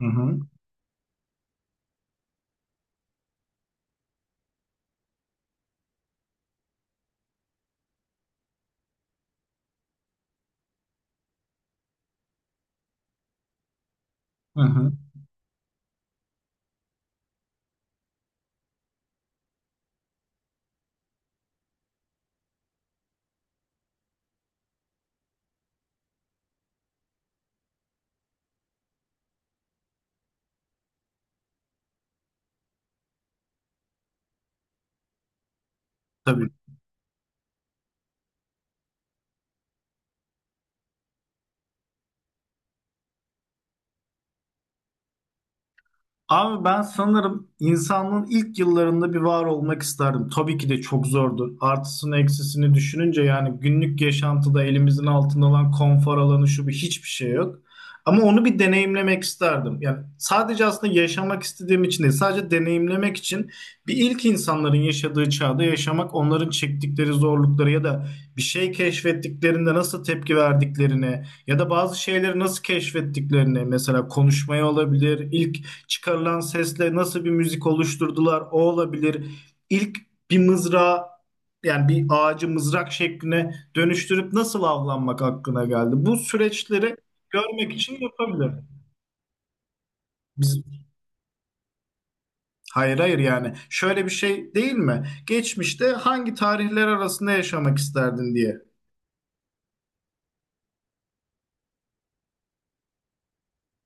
Hı hı. Hı hı. Tabii. Abi ben sanırım insanlığın ilk yıllarında bir var olmak isterdim. Tabii ki de çok zordu. Artısını eksisini düşününce yani günlük yaşantıda elimizin altında olan konfor alanı şu bir hiçbir şey yok. Ama onu bir deneyimlemek isterdim. Yani sadece aslında yaşamak istediğim için değil, sadece deneyimlemek için bir ilk insanların yaşadığı çağda yaşamak, onların çektikleri zorlukları ya da bir şey keşfettiklerinde nasıl tepki verdiklerini ya da bazı şeyleri nasıl keşfettiklerini mesela konuşmaya olabilir, ilk çıkarılan sesle nasıl bir müzik oluşturdular o olabilir. İlk bir mızrağı yani bir ağacı mızrak şekline dönüştürüp nasıl avlanmak aklına geldi. Bu süreçleri görmek için yapabilir. Biz, hayır hayır yani şöyle bir şey değil mi? Geçmişte hangi tarihler arasında yaşamak isterdin diye.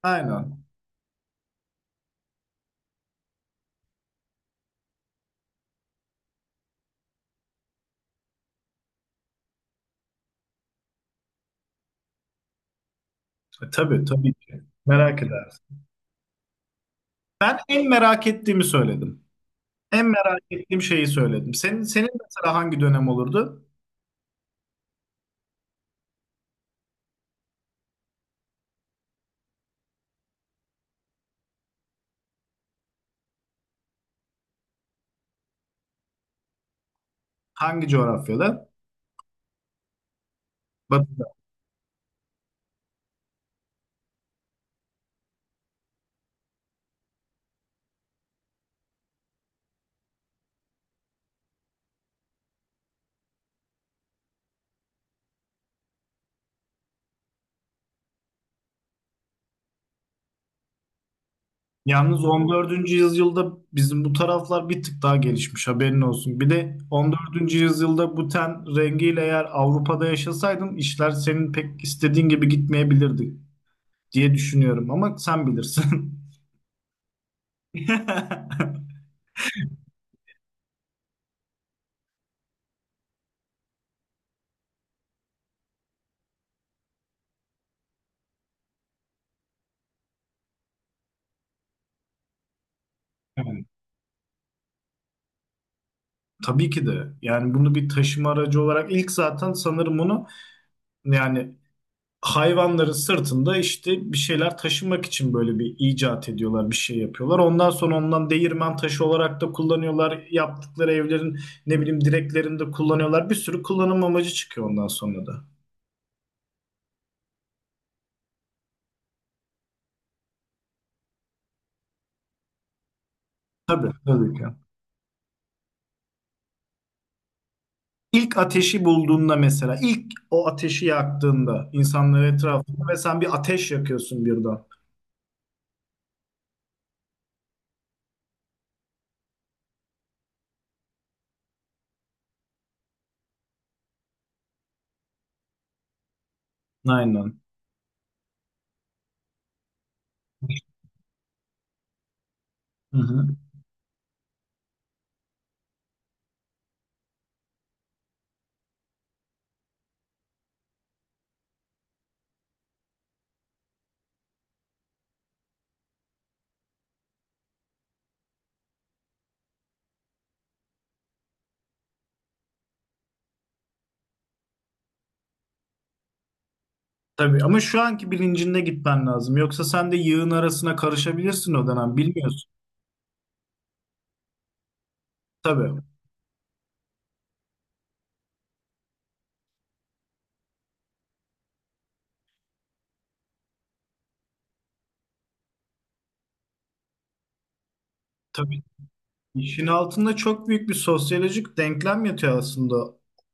Aynen. Tabii tabii ki. Merak edersin. Ben en merak ettiğimi söyledim. En merak ettiğim şeyi söyledim. Senin mesela hangi dönem olurdu? Hangi coğrafyada? Bak, yalnız 14. yüzyılda bizim bu taraflar bir tık daha gelişmiş haberin olsun. Bir de 14. yüzyılda bu ten rengiyle eğer Avrupa'da yaşasaydım işler senin pek istediğin gibi gitmeyebilirdi diye düşünüyorum ama sen bilirsin. Evet. Tabii ki de. Yani bunu bir taşıma aracı olarak ilk zaten sanırım bunu yani hayvanların sırtında işte bir şeyler taşımak için böyle bir icat ediyorlar, bir şey yapıyorlar. Ondan sonra ondan değirmen taşı olarak da kullanıyorlar. Yaptıkları evlerin ne bileyim direklerinde kullanıyorlar. Bir sürü kullanım amacı çıkıyor ondan sonra da. Tabii, tabii ki. İlk ateşi bulduğunda mesela, ilk o ateşi yaktığında insanlar etrafında ve sen bir ateş yakıyorsun birden. Aynen. Hı hı. Tabii ama şu anki bilincinde gitmen lazım. Yoksa sen de yığın arasına karışabilirsin o dönem. Bilmiyorsun. Tabii. Tabii. İşin altında çok büyük bir sosyolojik denklem yatıyor aslında.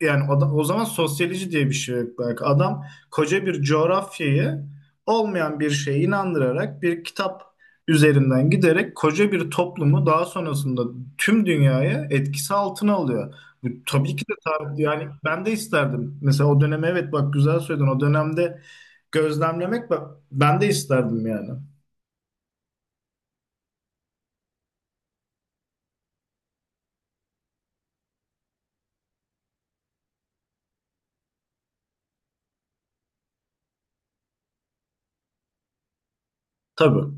Yani o, o zaman sosyoloji diye bir şey yok belki. Adam koca bir coğrafyayı olmayan bir şeye inandırarak bir kitap üzerinden giderek koca bir toplumu daha sonrasında tüm dünyaya etkisi altına alıyor. Bu, tabii ki de yani ben de isterdim. Mesela o döneme evet bak güzel söyledin. O dönemde gözlemlemek ben de isterdim yani. Tabii.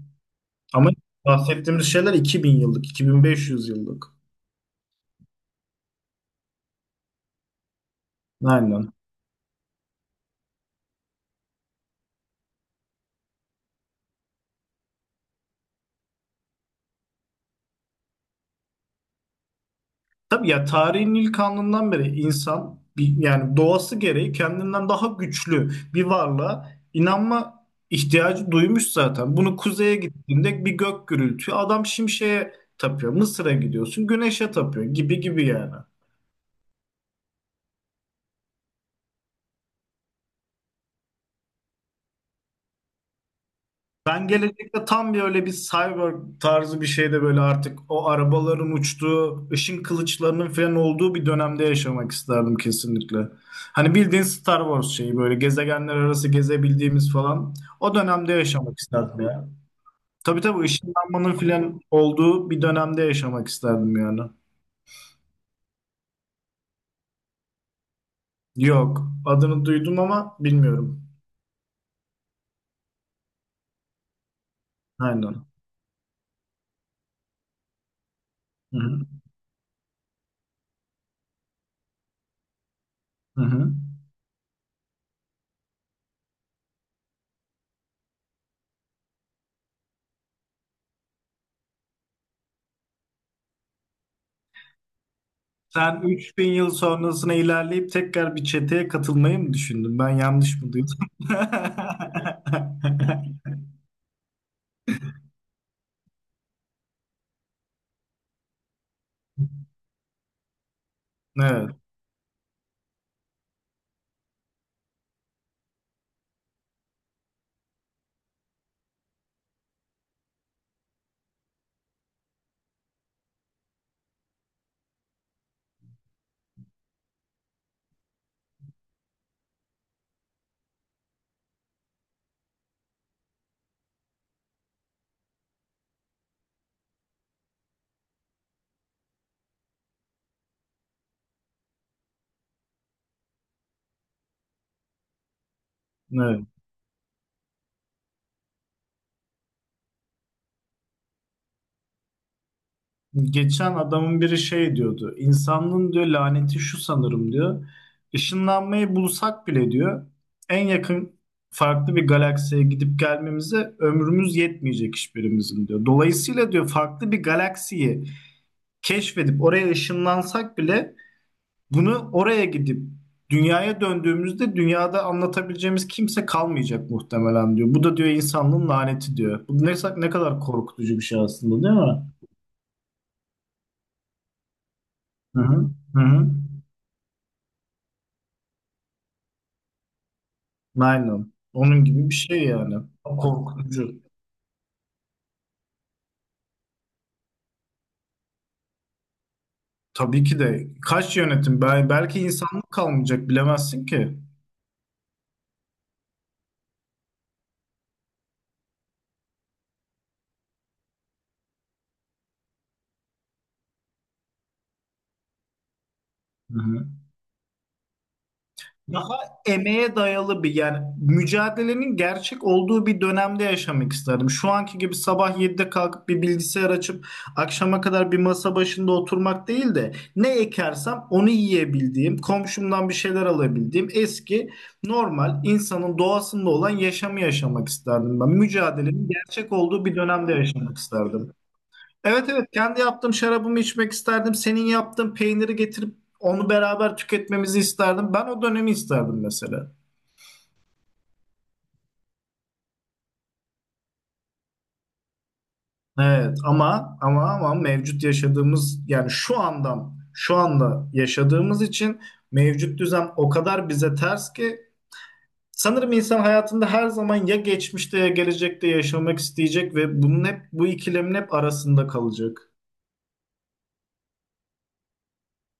Ama bahsettiğimiz şeyler 2000 yıllık, 2500 yıllık. Aynen. Tabii ya tarihin ilk anından beri insan bir, yani doğası gereği kendinden daha güçlü bir varlığa inanma ihtiyacı duymuş zaten. Bunu kuzeye gittiğinde bir gök gürültüyor. Adam şimşeye tapıyor. Mısır'a gidiyorsun, güneşe tapıyor gibi gibi yani. Ben gelecekte tam bir öyle bir cyborg tarzı bir şeyde böyle artık o arabaların uçtuğu, ışın kılıçlarının falan olduğu bir dönemde yaşamak isterdim kesinlikle. Hani bildiğin Star Wars şeyi böyle gezegenler arası gezebildiğimiz falan o dönemde yaşamak isterdim ya. Tabii tabii ışınlanmanın falan olduğu bir dönemde yaşamak isterdim yani. Yok adını duydum ama bilmiyorum. Aynen. Hı hı. Hı hı. Sen 3000 yıl sonrasına ilerleyip tekrar bir çeteye katılmayı mı düşündün? Ben yanlış mı duydum? Evet, evet. Geçen adamın biri şey diyordu. İnsanlığın diyor laneti şu sanırım diyor. Işınlanmayı bulsak bile diyor en yakın farklı bir galaksiye gidip gelmemize ömrümüz yetmeyecek hiçbirimizin diyor. Dolayısıyla diyor farklı bir galaksiyi keşfedip oraya ışınlansak bile bunu oraya gidip dünyaya döndüğümüzde dünyada anlatabileceğimiz kimse kalmayacak muhtemelen diyor. Bu da diyor insanlığın laneti diyor. Bu ne, ne kadar korkutucu bir şey aslında değil mi? Hı hı. Hı hı. Aynen. Onun gibi bir şey yani. Korkutucu. Tabii ki de. Kaç yönetim? Belki insanlık kalmayacak bilemezsin ki. Hı hı. Daha emeğe dayalı bir yani mücadelenin gerçek olduğu bir dönemde yaşamak isterdim. Şu anki gibi sabah 7'de kalkıp bir bilgisayar açıp akşama kadar bir masa başında oturmak değil de ne ekersem onu yiyebildiğim, komşumdan bir şeyler alabildiğim eski normal insanın doğasında olan yaşamı yaşamak isterdim ben. Mücadelenin gerçek olduğu bir dönemde yaşamak isterdim. Evet evet kendi yaptığım şarabımı içmek isterdim. Senin yaptığın peyniri getirip onu beraber tüketmemizi isterdim. Ben o dönemi isterdim mesela. Evet ama mevcut yaşadığımız yani şu andan şu anda yaşadığımız için mevcut düzen o kadar bize ters ki sanırım insan hayatında her zaman ya geçmişte ya gelecekte yaşamak isteyecek ve bunun hep bu ikilemin hep arasında kalacak.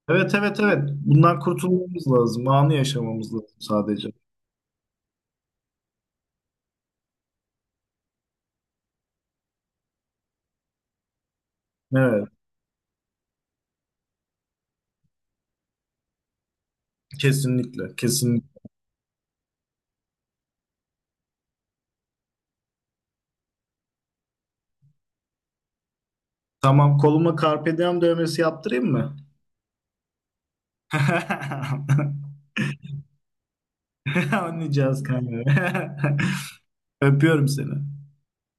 Evet evet evet bundan kurtulmamız lazım. Anı yaşamamız lazım sadece. Evet. Kesinlikle, kesinlikle. Tamam, koluma Carpe Diem dövmesi yaptırayım mı? Anlayacağız kanka. Öpüyorum seni.